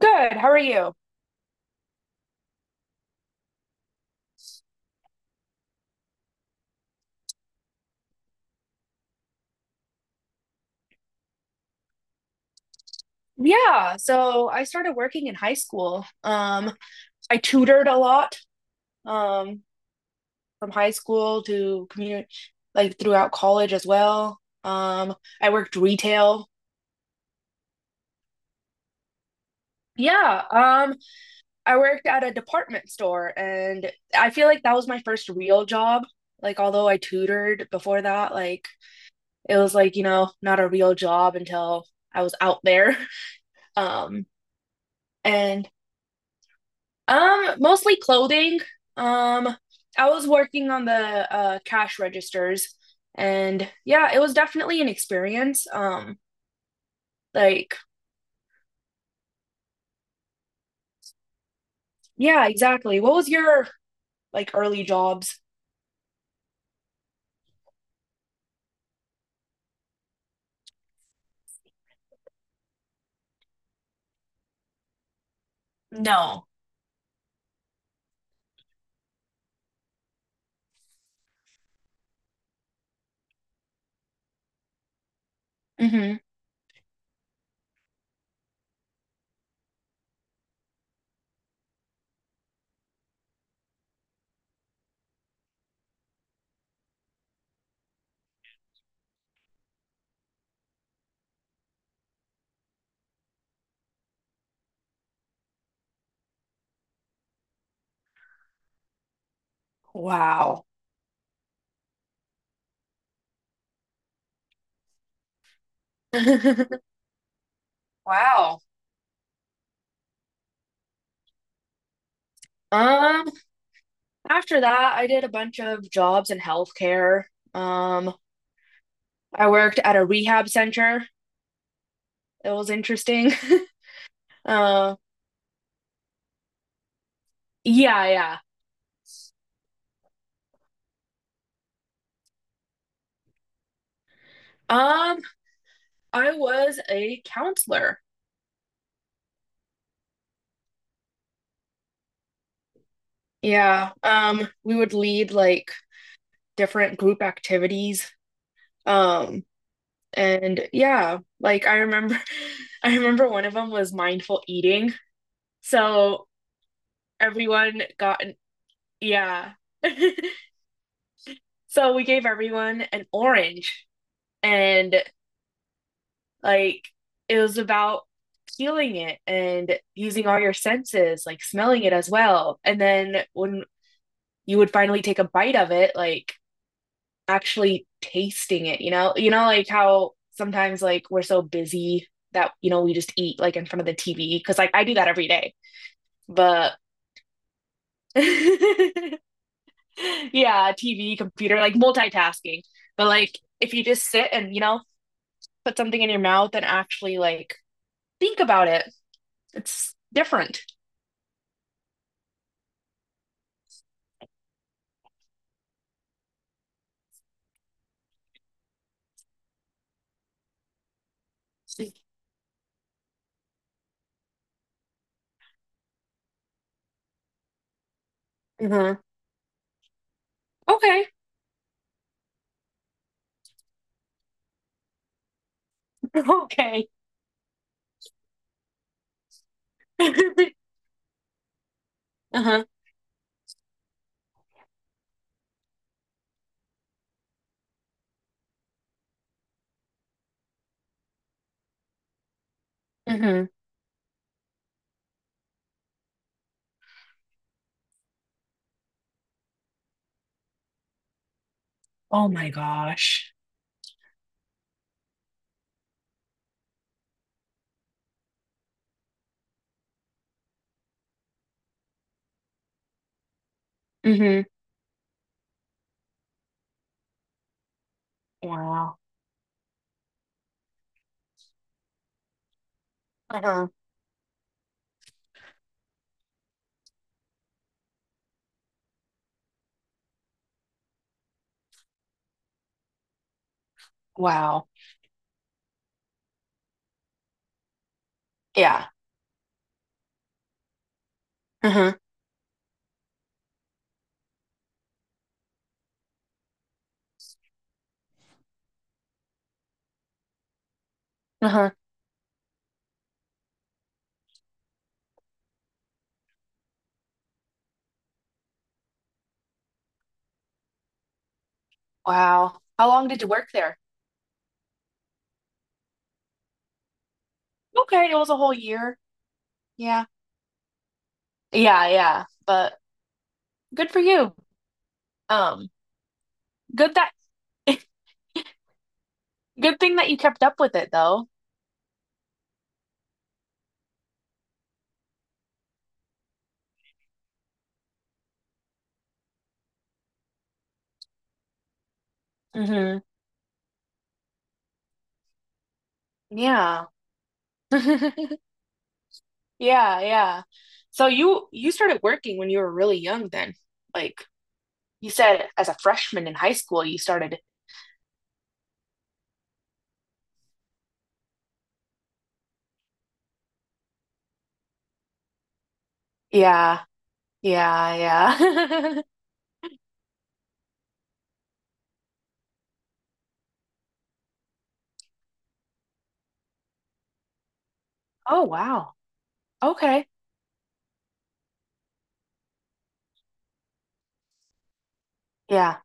Good. How are you? Yeah, so I started working in high school. I tutored a lot, um, from high school to community, like throughout college as well. I worked retail. Yeah, I worked at a department store, and I feel like that was my first real job. Like, although I tutored before that, like it was like, you know, not a real job until I was out there. Um, and Mostly clothing. Um, I was working on the cash registers, and yeah, it was definitely an experience. Like yeah, exactly. What was your like early jobs? No. Mm-hmm. Wow. Wow. Um, After that, I did a bunch of jobs in healthcare. Um, I worked at a rehab center. It was interesting. Uh, yeah, yeah. Um, I was a counselor. Yeah. We would lead like different group activities. Um, and Yeah, like I remember I remember one of them was mindful eating. So everyone got an yeah. So we gave everyone an orange and like it was about feeling it and using all your senses, like smelling it as well. And then when you would finally take a bite of it, like actually tasting it, you know? You know, like how sometimes like we're so busy that, you know, we just eat like in front of the TV because like I do that every day. But yeah, TV, computer, like multitasking. But like if you just sit and, you know, put something in your mouth and actually like think about it, it's different. Mm-hmm. Okay. Okay. Uh-huh. Mm-hmm. Oh my gosh. Mm-hmm. Wow. Uh-huh. Wow. Yeah. Uh-huh. Uh-huh. Wow. How long did you work there? Okay, it was a whole year. Yeah. Yeah, yeah. But good for you. Um, good that Good thing that you kept up with it though. Hmm. Yeah. Yeah, yeah. So you started working when you were really young then. Like you said, as a freshman in high school you started. Yeah. Yeah, yeah. Oh wow. Okay. Yeah.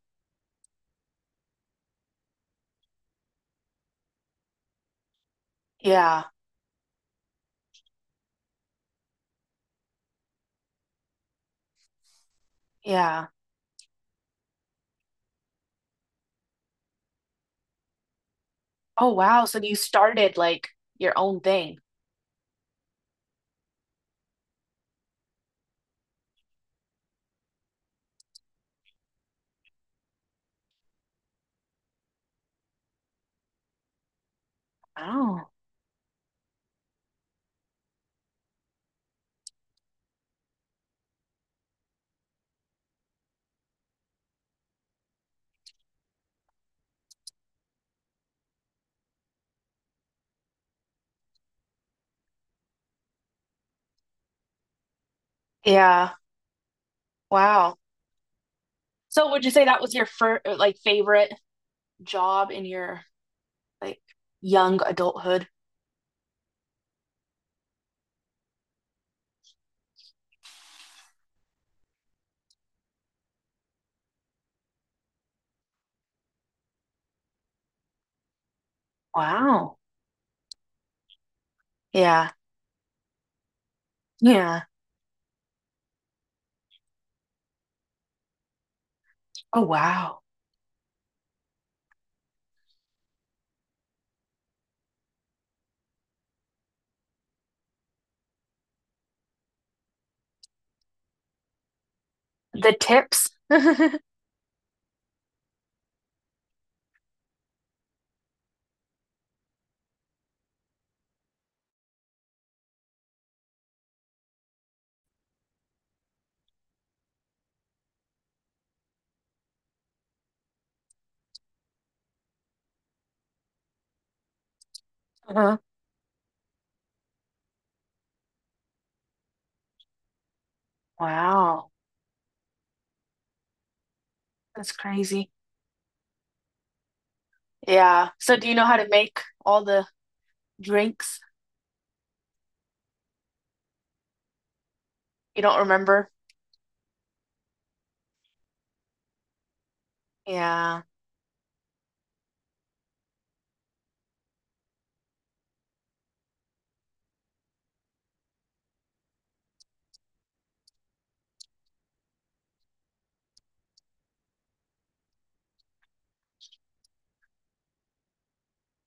Yeah. Yeah. Oh wow. So you started like your own thing. Wow. Yeah. Wow. So would you say that was your first like favorite job in your like young adulthood? Wow. Yeah. Yeah. Oh, wow. The tips. Uh-huh. Wow. That's crazy. Yeah. So do you know how to make all the drinks? You don't remember? Yeah.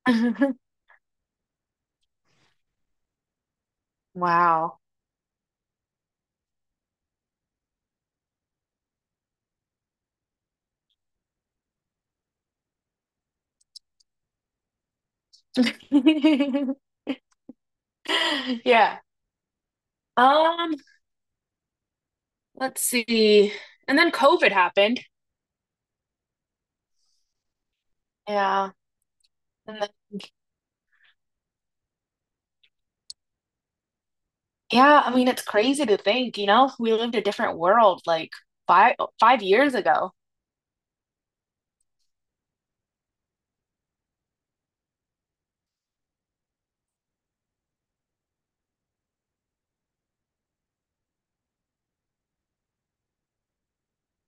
Wow. Yeah. Um, let's see. And then COVID happened. Yeah. And yeah, I mean, it's crazy to think, you know, we lived a different world like five years ago.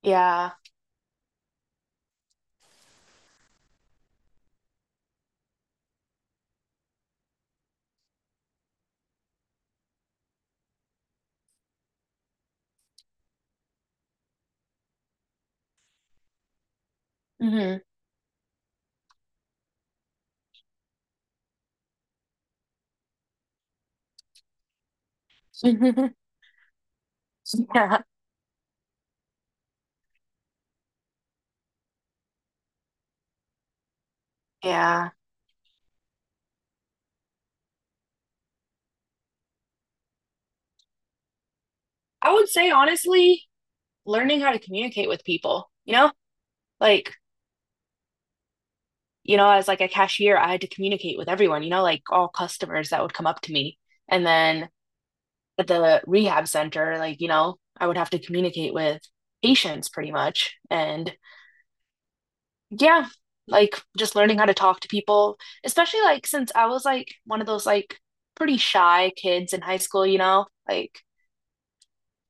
Yeah. Hmm. Yeah. Yeah. I would say honestly, learning how to communicate with people, you know, like, you know, as like a cashier, I had to communicate with everyone, you know, like all customers that would come up to me. And then at the rehab center, like, you know, I would have to communicate with patients pretty much. And yeah, like just learning how to talk to people, especially like since I was like one of those like pretty shy kids in high school, you know? Like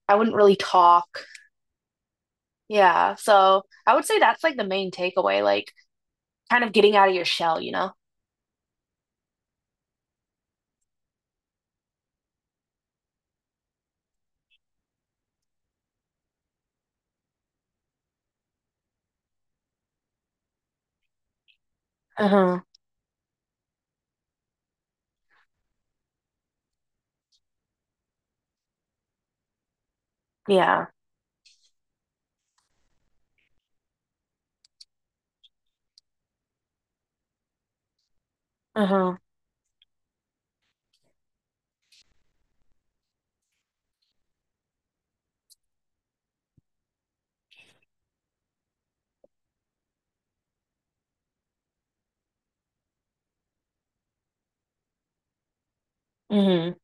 I wouldn't really talk. Yeah, so I would say that's like the main takeaway, like kind of getting out of your shell, you know? Uh-huh. Yeah. Uh-huh. Mm-hmm.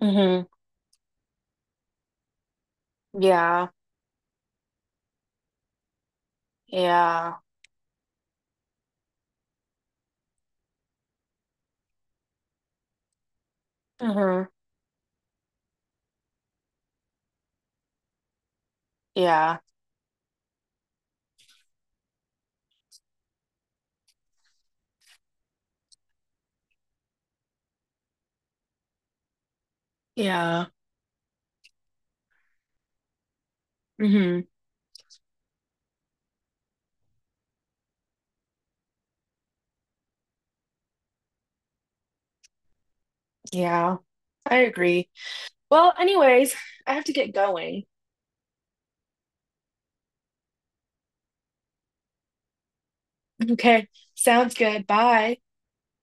Mm-hmm. Yeah. Yeah. Uh-huh. Yeah. Yeah. Mm-hmm. Yeah. I agree. Well, anyways, I have to get going. Okay. Sounds good. Bye.